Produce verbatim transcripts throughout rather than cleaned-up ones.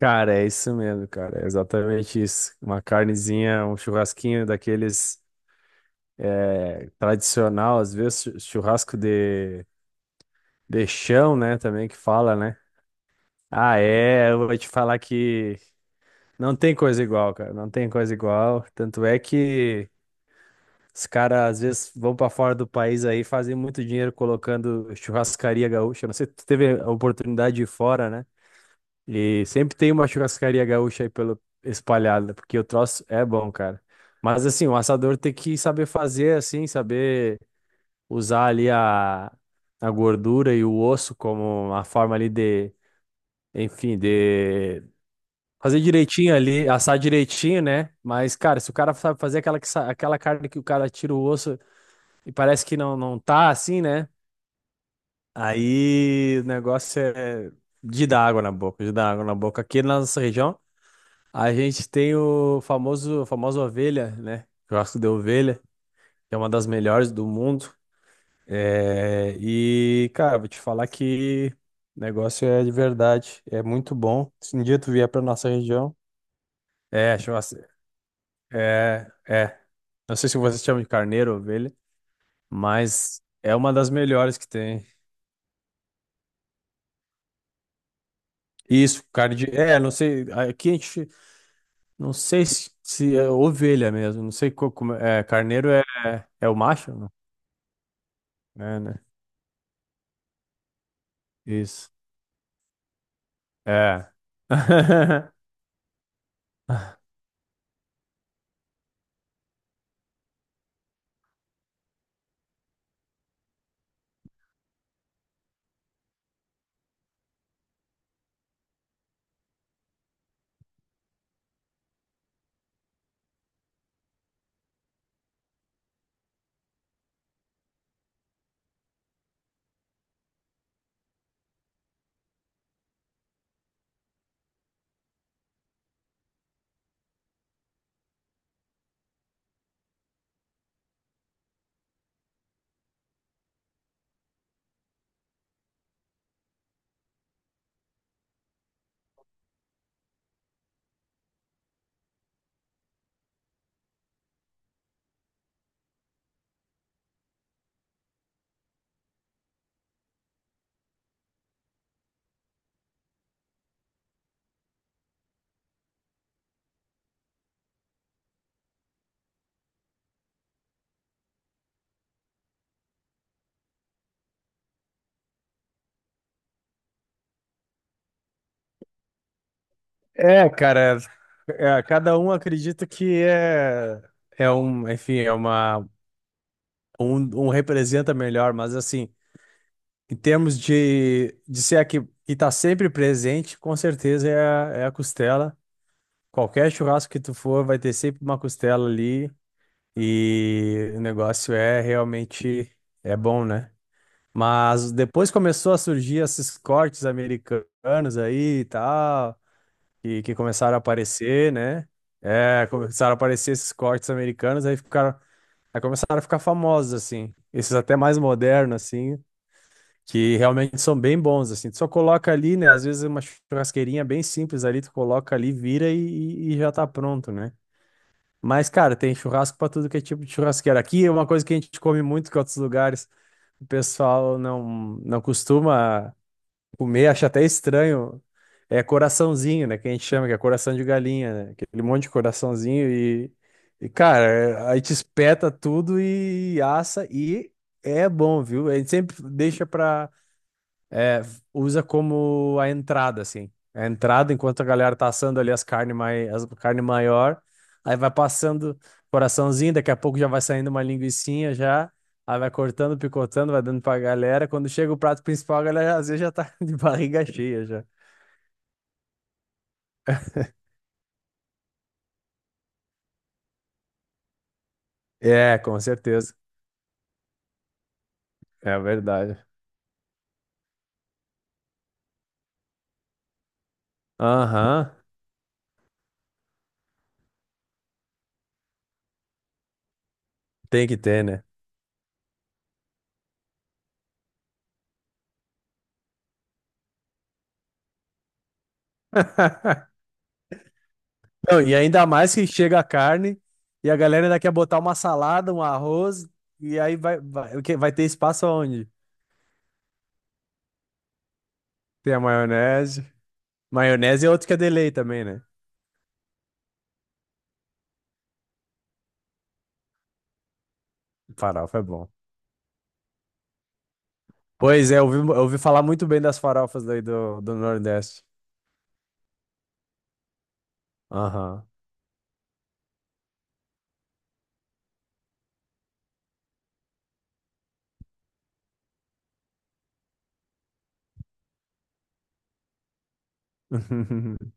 Cara, é isso mesmo, cara. É exatamente isso. Uma carnezinha, um churrasquinho daqueles é, tradicional, às vezes chu- churrasco de, de chão, né? Também que fala, né? Ah, é. Eu vou te falar que não tem coisa igual, cara. Não tem coisa igual. Tanto é que os caras, às vezes, vão pra fora do país aí, fazem muito dinheiro colocando churrascaria gaúcha. Não sei se tu teve a oportunidade de ir fora, né? E sempre tem uma churrascaria gaúcha aí pelo espalhada, porque o troço é bom, cara. Mas assim, o assador tem que saber fazer assim, saber usar ali a, a gordura e o osso como uma forma ali de, enfim, de fazer direitinho ali, assar direitinho, né? Mas, cara, se o cara sabe fazer aquela, que sa- aquela carne que o cara tira o osso e parece que não, não tá assim, né? Aí o negócio é de dar água na boca, de dar água na boca. Aqui na nossa região, a gente tem o famoso, a famosa ovelha, né? Churrasco de ovelha, que é uma das melhores do mundo. É, e, cara, vou te falar que o negócio é de verdade, é muito bom. Se um dia tu vier pra nossa região, é, churrasco, é, é. Não sei se vocês chamam de carneiro, ovelha, mas é uma das melhores que tem. Isso, carne de. É, não sei. Aqui a gente. Não sei se, se é ovelha mesmo. Não sei co- como. É, carneiro é, é o macho? né né? Isso. É. É, cara. É, cada um acredita que é, é um, enfim, é uma, um, um representa melhor, mas assim, em termos de, de ser a que, que tá sempre presente, com certeza é a, é a costela. Qualquer churrasco que tu for, vai ter sempre uma costela ali e o negócio é realmente é bom, né? Mas depois começou a surgir esses cortes americanos aí e tal. que, que começaram a aparecer, né? É, começaram a aparecer esses cortes americanos, aí ficaram, aí começaram a ficar famosos, assim. Esses até mais modernos, assim, que realmente são bem bons, assim. Tu só coloca ali, né? Às vezes uma churrasqueirinha bem simples ali, tu coloca ali, vira e, e- e já tá pronto, né? Mas, cara, tem churrasco pra tudo que é tipo de churrasqueira. Aqui é uma coisa que a gente come muito que é outros lugares o pessoal não, não costuma comer, acho até estranho. É coraçãozinho, né? Que a gente chama, que é coração de galinha, né? Aquele monte de coraçãozinho e, e cara, é- aí te espeta tudo e assa e é bom, viu? A gente sempre deixa pra. É, usa como a entrada, assim. A entrada, enquanto a galera tá assando ali as carne, mai as carne maior, aí vai passando coraçãozinho, daqui a pouco já vai saindo uma linguicinha já, aí vai cortando, picotando, vai dando pra galera. Quando chega o prato principal, a galera às vezes já tá de barriga cheia já. É, com certeza. É verdade. Aham, tem que ter, né? Não, e ainda mais que chega a carne e a galera ainda quer botar uma salada, um arroz, e aí vai, vai, o quê? Vai ter espaço aonde? Tem a maionese. Maionese é outro que é delay também, né? Farofa é bom. Pois é, eu ouvi, eu ouvi falar muito bem das farofas daí do, do Nordeste. Aham.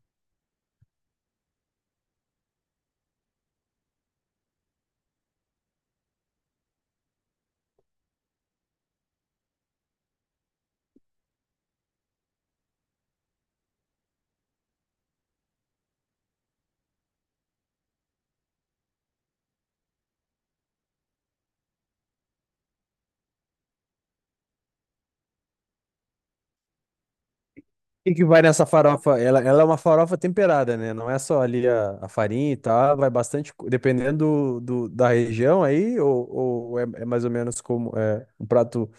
O que que vai nessa farofa? Ela, ela é uma farofa temperada, né? Não é só ali a, a farinha e tal, vai bastante, co- dependendo do, do- da região aí, ou, ou é, é mais ou menos como é, um prato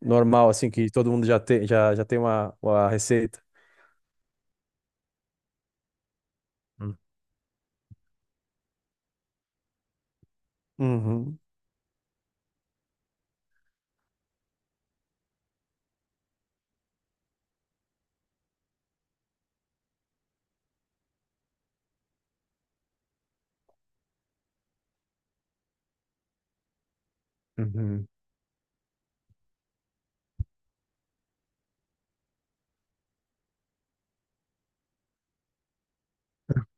normal, assim, que todo mundo já tem, já, já tem uma, uma receita. Hum. Uhum. Uhum.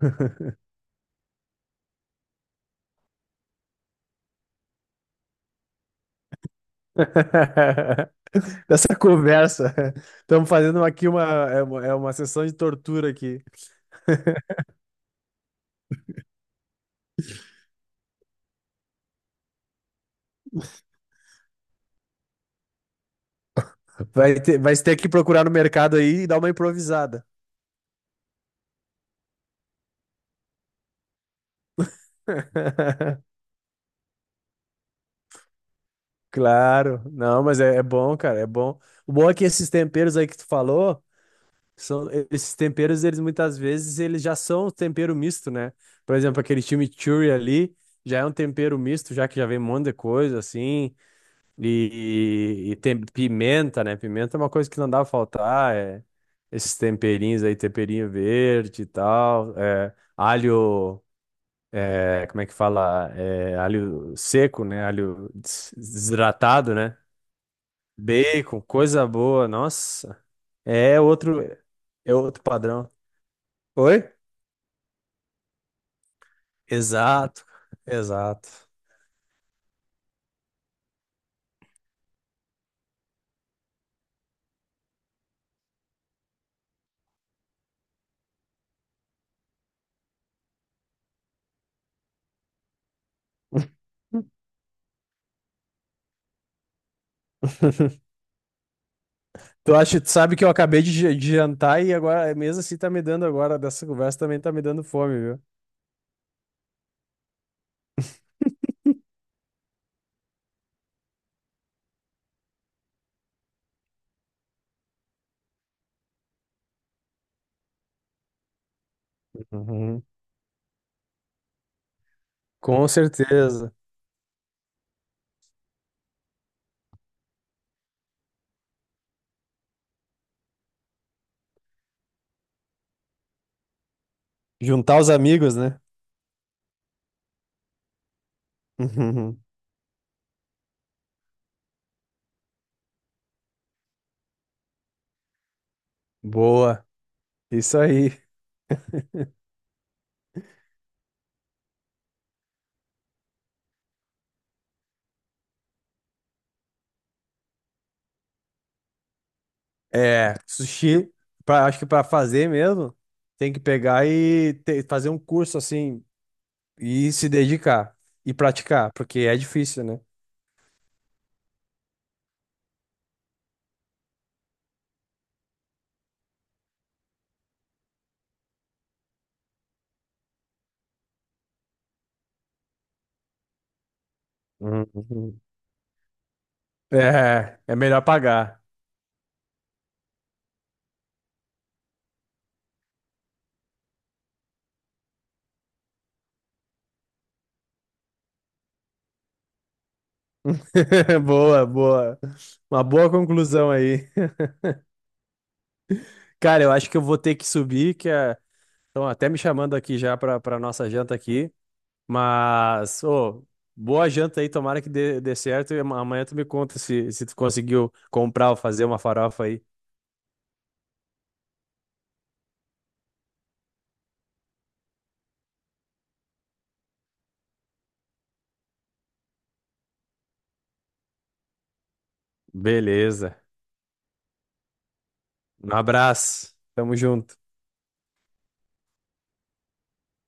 Dessa conversa. Estamos fazendo aqui uma, é uma, é uma sessão de tortura aqui. Vai ter, vai ter que procurar no mercado aí e dar uma improvisada. Claro, não, mas é, é bom, cara, é bom. O bom é que esses temperos aí que tu falou, são esses temperos, eles muitas vezes eles já são um tempero misto, né? Por exemplo, aquele chimichurri ali já é um tempero misto, já que já vem um monte de coisa assim. E, e tem pimenta, né? Pimenta é uma coisa que não dá pra faltar. É. Esses temperinhos aí, temperinho verde e tal. É, alho, é, como é que fala? É, alho seco, né? Alho des- desidratado, né? Bacon, coisa boa. Nossa, é outro, é outro padrão. Oi? Exato, exato. Tu acha, tu sabe que eu acabei de, ja- de jantar e agora, mesmo assim, tá me dando agora, dessa conversa também tá me dando fome, viu? Uhum. Com certeza. Juntar os amigos, né? Uhum. Boa. Isso aí. É, sushi, pra, acho que para fazer mesmo, tem que pegar e te- fazer um curso assim e se dedicar e praticar, porque é difícil, né? Uhum. É, é melhor pagar. Boa, boa. Uma boa conclusão aí. Cara, eu acho que eu vou ter que subir, que é... Estão até me chamando aqui já para para nossa janta aqui. Mas, ô, boa janta aí, tomara que dê, dê certo. E ama- amanhã tu me conta se, se tu conseguiu comprar ou fazer uma farofa aí. Beleza. Um abraço. Tamo junto.